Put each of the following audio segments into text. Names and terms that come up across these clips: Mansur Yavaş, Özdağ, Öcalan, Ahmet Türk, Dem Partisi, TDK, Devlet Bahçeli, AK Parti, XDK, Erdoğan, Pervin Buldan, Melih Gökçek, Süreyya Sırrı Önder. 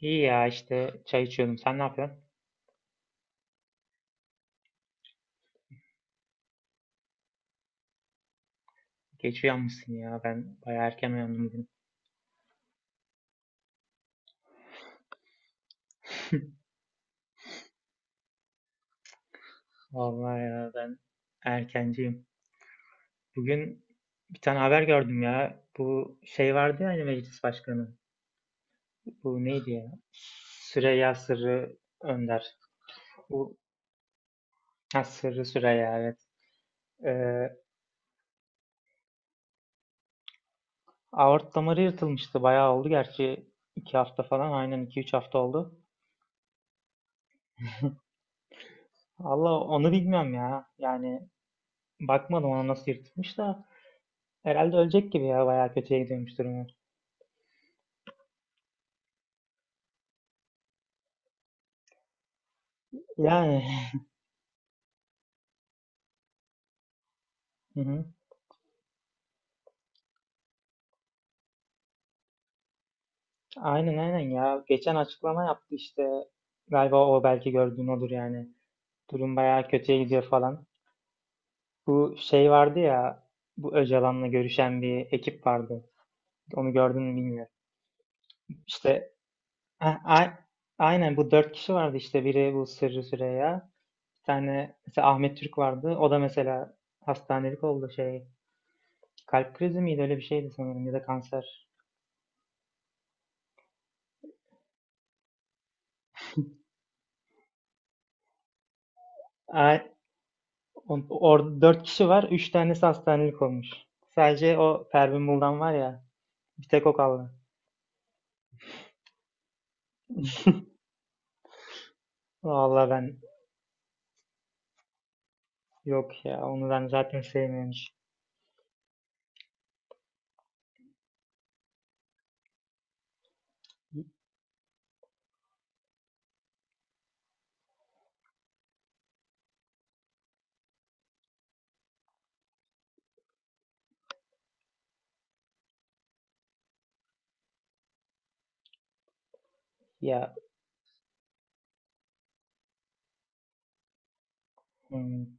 İyi ya işte çay içiyordum. Sen ne yapıyorsun? Geç uyanmışsın ya. Ben bayağı erken uyandım bugün. Vallahi ya ben erkenciyim. Bugün bir tane haber gördüm ya. Bu şey vardı ya hani meclis başkanı. Bu neydi ya? Süreyya Sırrı Önder. Bu ha, Sırrı Süreyya evet. Ee, aort damarı yırtılmıştı. Bayağı oldu gerçi. İki hafta falan, aynen, iki üç hafta oldu. Allah onu bilmiyorum ya. Yani bakmadım ona nasıl yırtılmış da. Herhalde ölecek gibi ya, bayağı kötüye gidiyormuş durumu. Yani hı hı. Aynen aynen ya. Geçen açıklama yaptı işte. Galiba o belki gördüğün odur yani. Durum bayağı kötüye gidiyor falan. Bu şey vardı ya, bu Öcalan'la görüşen bir ekip vardı. Onu gördün mü bilmiyorum. İşte ha, aynen bu dört kişi vardı işte. Biri bu Sırrı Süreyya. Bir tane mesela Ahmet Türk vardı. O da mesela hastanelik oldu şey. Kalp krizi miydi, öyle bir şeydi sanırım, ya da kanser. A- Orada dört kişi var. Üç tanesi hastanelik olmuş. Sadece o Pervin Buldan var ya. Bir tek o kaldı. Vallahi ben yok ya. Onu ben zaten sevmiyormuş. Ya hmm,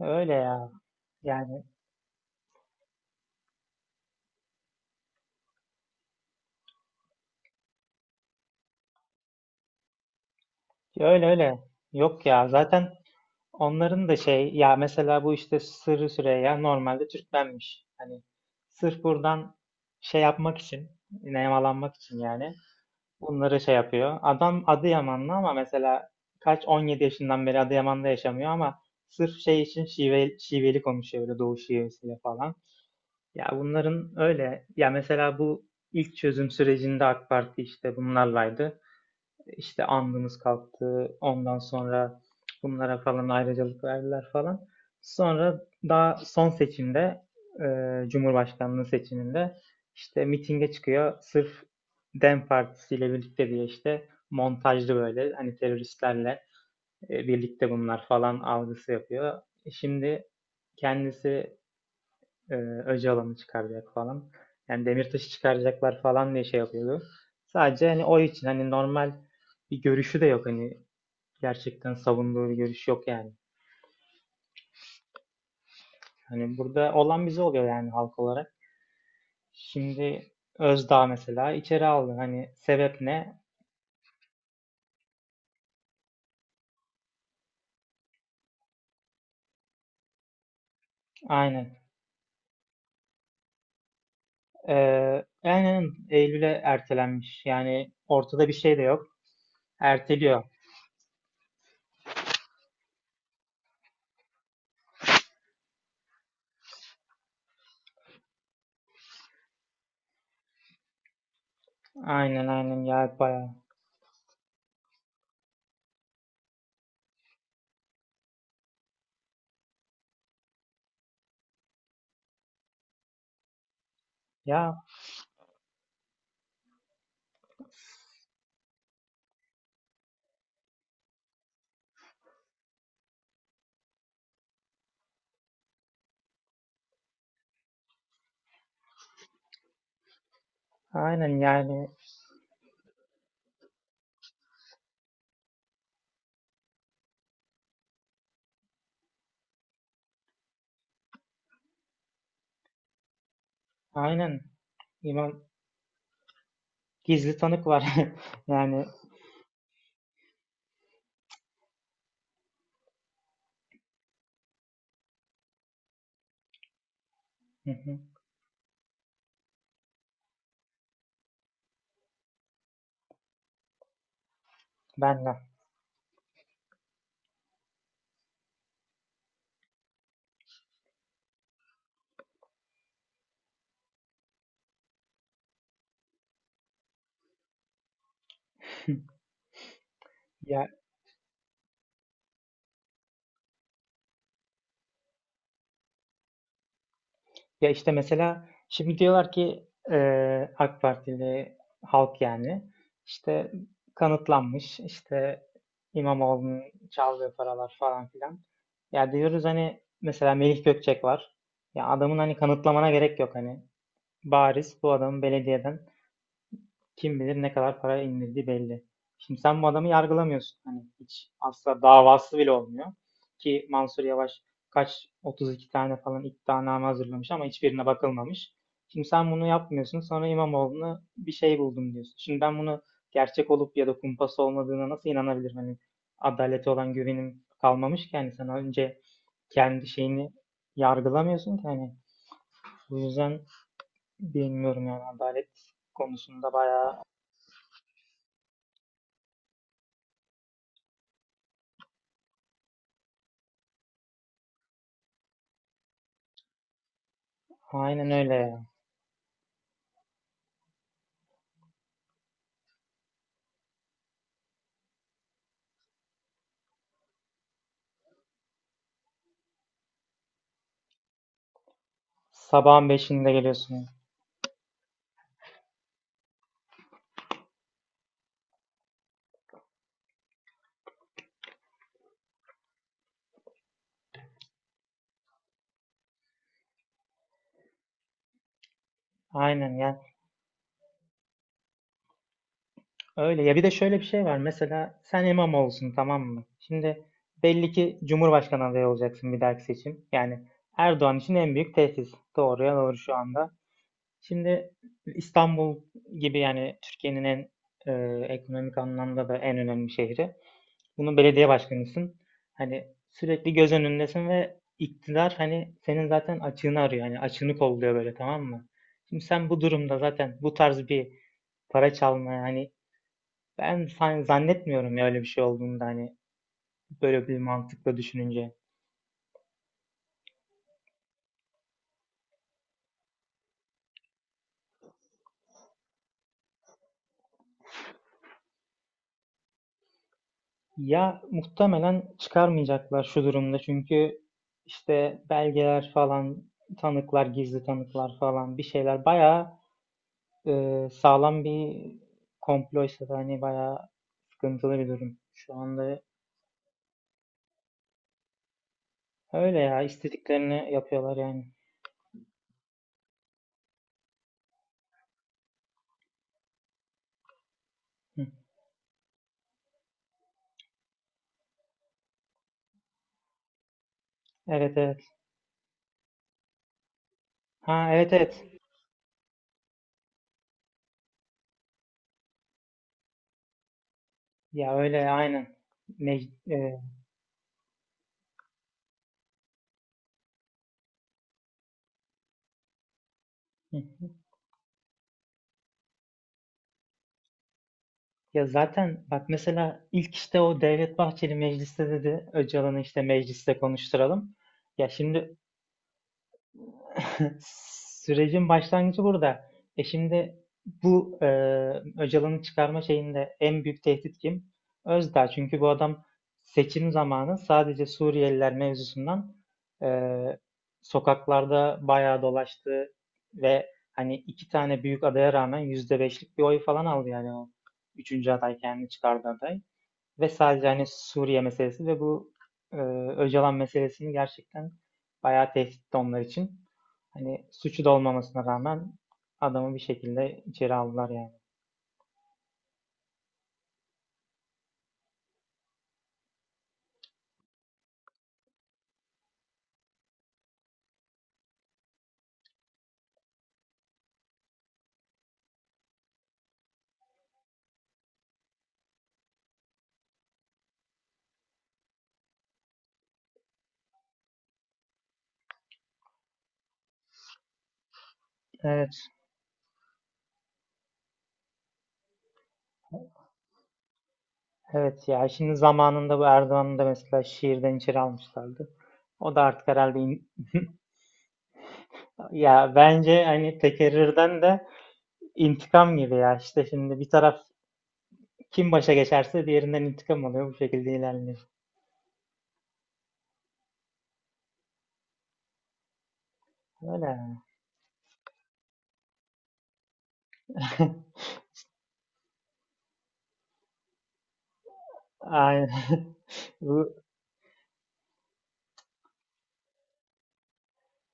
öyle ya. Yani öyle öyle. Yok ya. Zaten onların da şey ya, mesela bu işte Sırrı Süreyya normalde Türkmenmiş. Hani sırf buradan şey yapmak için, nemalanmak için yani. Bunları şey yapıyor. Adam Adıyamanlı ama mesela 17 yaşından beri Adıyaman'da yaşamıyor ama sırf şey için şive, şiveli konuşuyor böyle doğu şivesiyle falan. Ya bunların öyle. Ya mesela bu ilk çözüm sürecinde AK Parti işte bunlarlaydı. İşte andımız kalktı. Ondan sonra bunlara falan ayrıcalık verdiler falan. Sonra daha son seçimde Cumhurbaşkanlığı seçiminde işte mitinge çıkıyor. Sırf Dem Partisi ile birlikte diye işte montajlı, böyle hani teröristlerle birlikte bunlar falan algısı yapıyor. Şimdi kendisi e, Öcalan'ı çıkaracak falan. Yani Demirtaş'ı çıkaracaklar falan diye şey yapıyordu. Sadece hani o için hani normal bir görüşü de yok hani, gerçekten savunduğu bir görüş yok yani. Hani burada olan bize oluyor yani halk olarak. Şimdi Özdağ mesela içeri aldı. Hani sebep ne? Aynen. Aynen Eylül'e ertelenmiş. Yani ortada bir şey de yok. Erteliyor. Aynen aynen ya, bayağı. Ya aynen yani aynen. İmam Gizli tanık var. Yani hı hı, benden. Ya, ya işte mesela şimdi diyorlar ki AK Partili halk yani işte kanıtlanmış işte İmamoğlu'nun çaldığı paralar falan filan. Ya diyoruz hani mesela Melih Gökçek var. Ya adamın hani kanıtlamana gerek yok hani. Bariz bu adamın belediyeden kim bilir ne kadar para indirdiği belli. Şimdi sen bu adamı yargılamıyorsun. Hani hiç asla davası bile olmuyor. Ki Mansur Yavaş 32 tane falan iddianame hazırlamış ama hiçbirine bakılmamış. Şimdi sen bunu yapmıyorsun. Sonra İmamoğlu'na bir şey buldum diyorsun. Şimdi ben bunu gerçek olup ya da kumpas olmadığına nasıl inanabilirim? Hani adalete olan güvenim kalmamış ki. Yani sen önce kendi şeyini yargılamıyorsun ki. Hani bu yüzden bilmiyorum yani adalet konusunda bayağı. Aynen öyle ya. Sabahın beşinde geliyorsun. Aynen yani. Öyle ya, bir de şöyle bir şey var. Mesela sen imam olsun, tamam mı? Şimdi belli ki Cumhurbaşkanı adayı olacaksın bir dahaki seçim. Yani Erdoğan için en büyük tehdit. Doğruya doğru şu anda. Şimdi İstanbul gibi yani Türkiye'nin en ekonomik anlamda da en önemli şehri. Bunun belediye başkanısın. Hani sürekli göz önündesin ve iktidar hani senin zaten açığını arıyor. Hani açığını kolluyor böyle, tamam mı? Şimdi sen bu durumda zaten bu tarz bir para çalmaya hani, ben zannetmiyorum ya öyle bir şey olduğunu da, hani böyle bir mantıkla düşününce. Ya muhtemelen çıkarmayacaklar şu durumda, çünkü işte belgeler falan, tanıklar, gizli tanıklar falan, bir şeyler bayağı. Sağlam bir komploysa da hani bayağı sıkıntılı bir durum. Şu anda öyle ya, istediklerini yapıyorlar yani. Hı. Evet evet. Ha, evet evet. Ya öyle aynen. Mec- e, hı hı. Ya zaten bak mesela ilk işte o Devlet Bahçeli mecliste dedi Öcalan'ı işte mecliste konuşturalım. Ya şimdi sürecin başlangıcı burada. Şimdi bu Öcalan'ı çıkarma şeyinde en büyük tehdit kim? Özdağ. Çünkü bu adam seçim zamanı sadece Suriyeliler mevzusundan e, sokaklarda bayağı dolaştı ve hani iki tane büyük adaya rağmen yüzde beşlik bir oy falan aldı yani o üçüncü aday kendini çıkardı aday. Ve sadece hani Suriye meselesi ve bu e, Öcalan meselesini gerçekten bayağı tehditti onlar için. Hani suçu da olmamasına rağmen adamı bir şekilde içeri aldılar yani. Evet. Evet ya, şimdi zamanında bu Erdoğan'ı da mesela şiirden içeri almışlardı. O da artık herhalde ya bence hani tekerrürden de intikam gibi ya, işte şimdi bir taraf kim başa geçerse diğerinden intikam alıyor, bu şekilde ilerliyor. Öyle yani. Aynen. Bu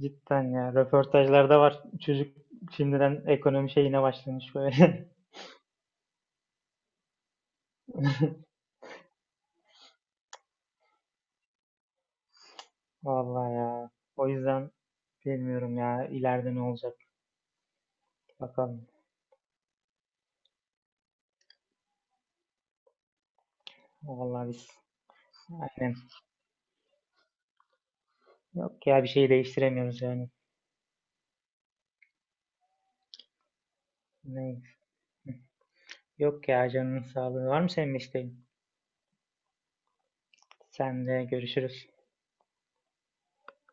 Cidden ya. Röportajlarda var. Çocuk şimdiden ekonomi şeyine başlamış böyle. Vallahi ya. O yüzden bilmiyorum ya. İleride ne olacak? Bakalım. Vallahi biz aynen. Yok ya, bir şey değiştiremiyoruz yani. Ne? Yok ya, canının sağlığı. Var mı senin isteğin? Sen de görüşürüz.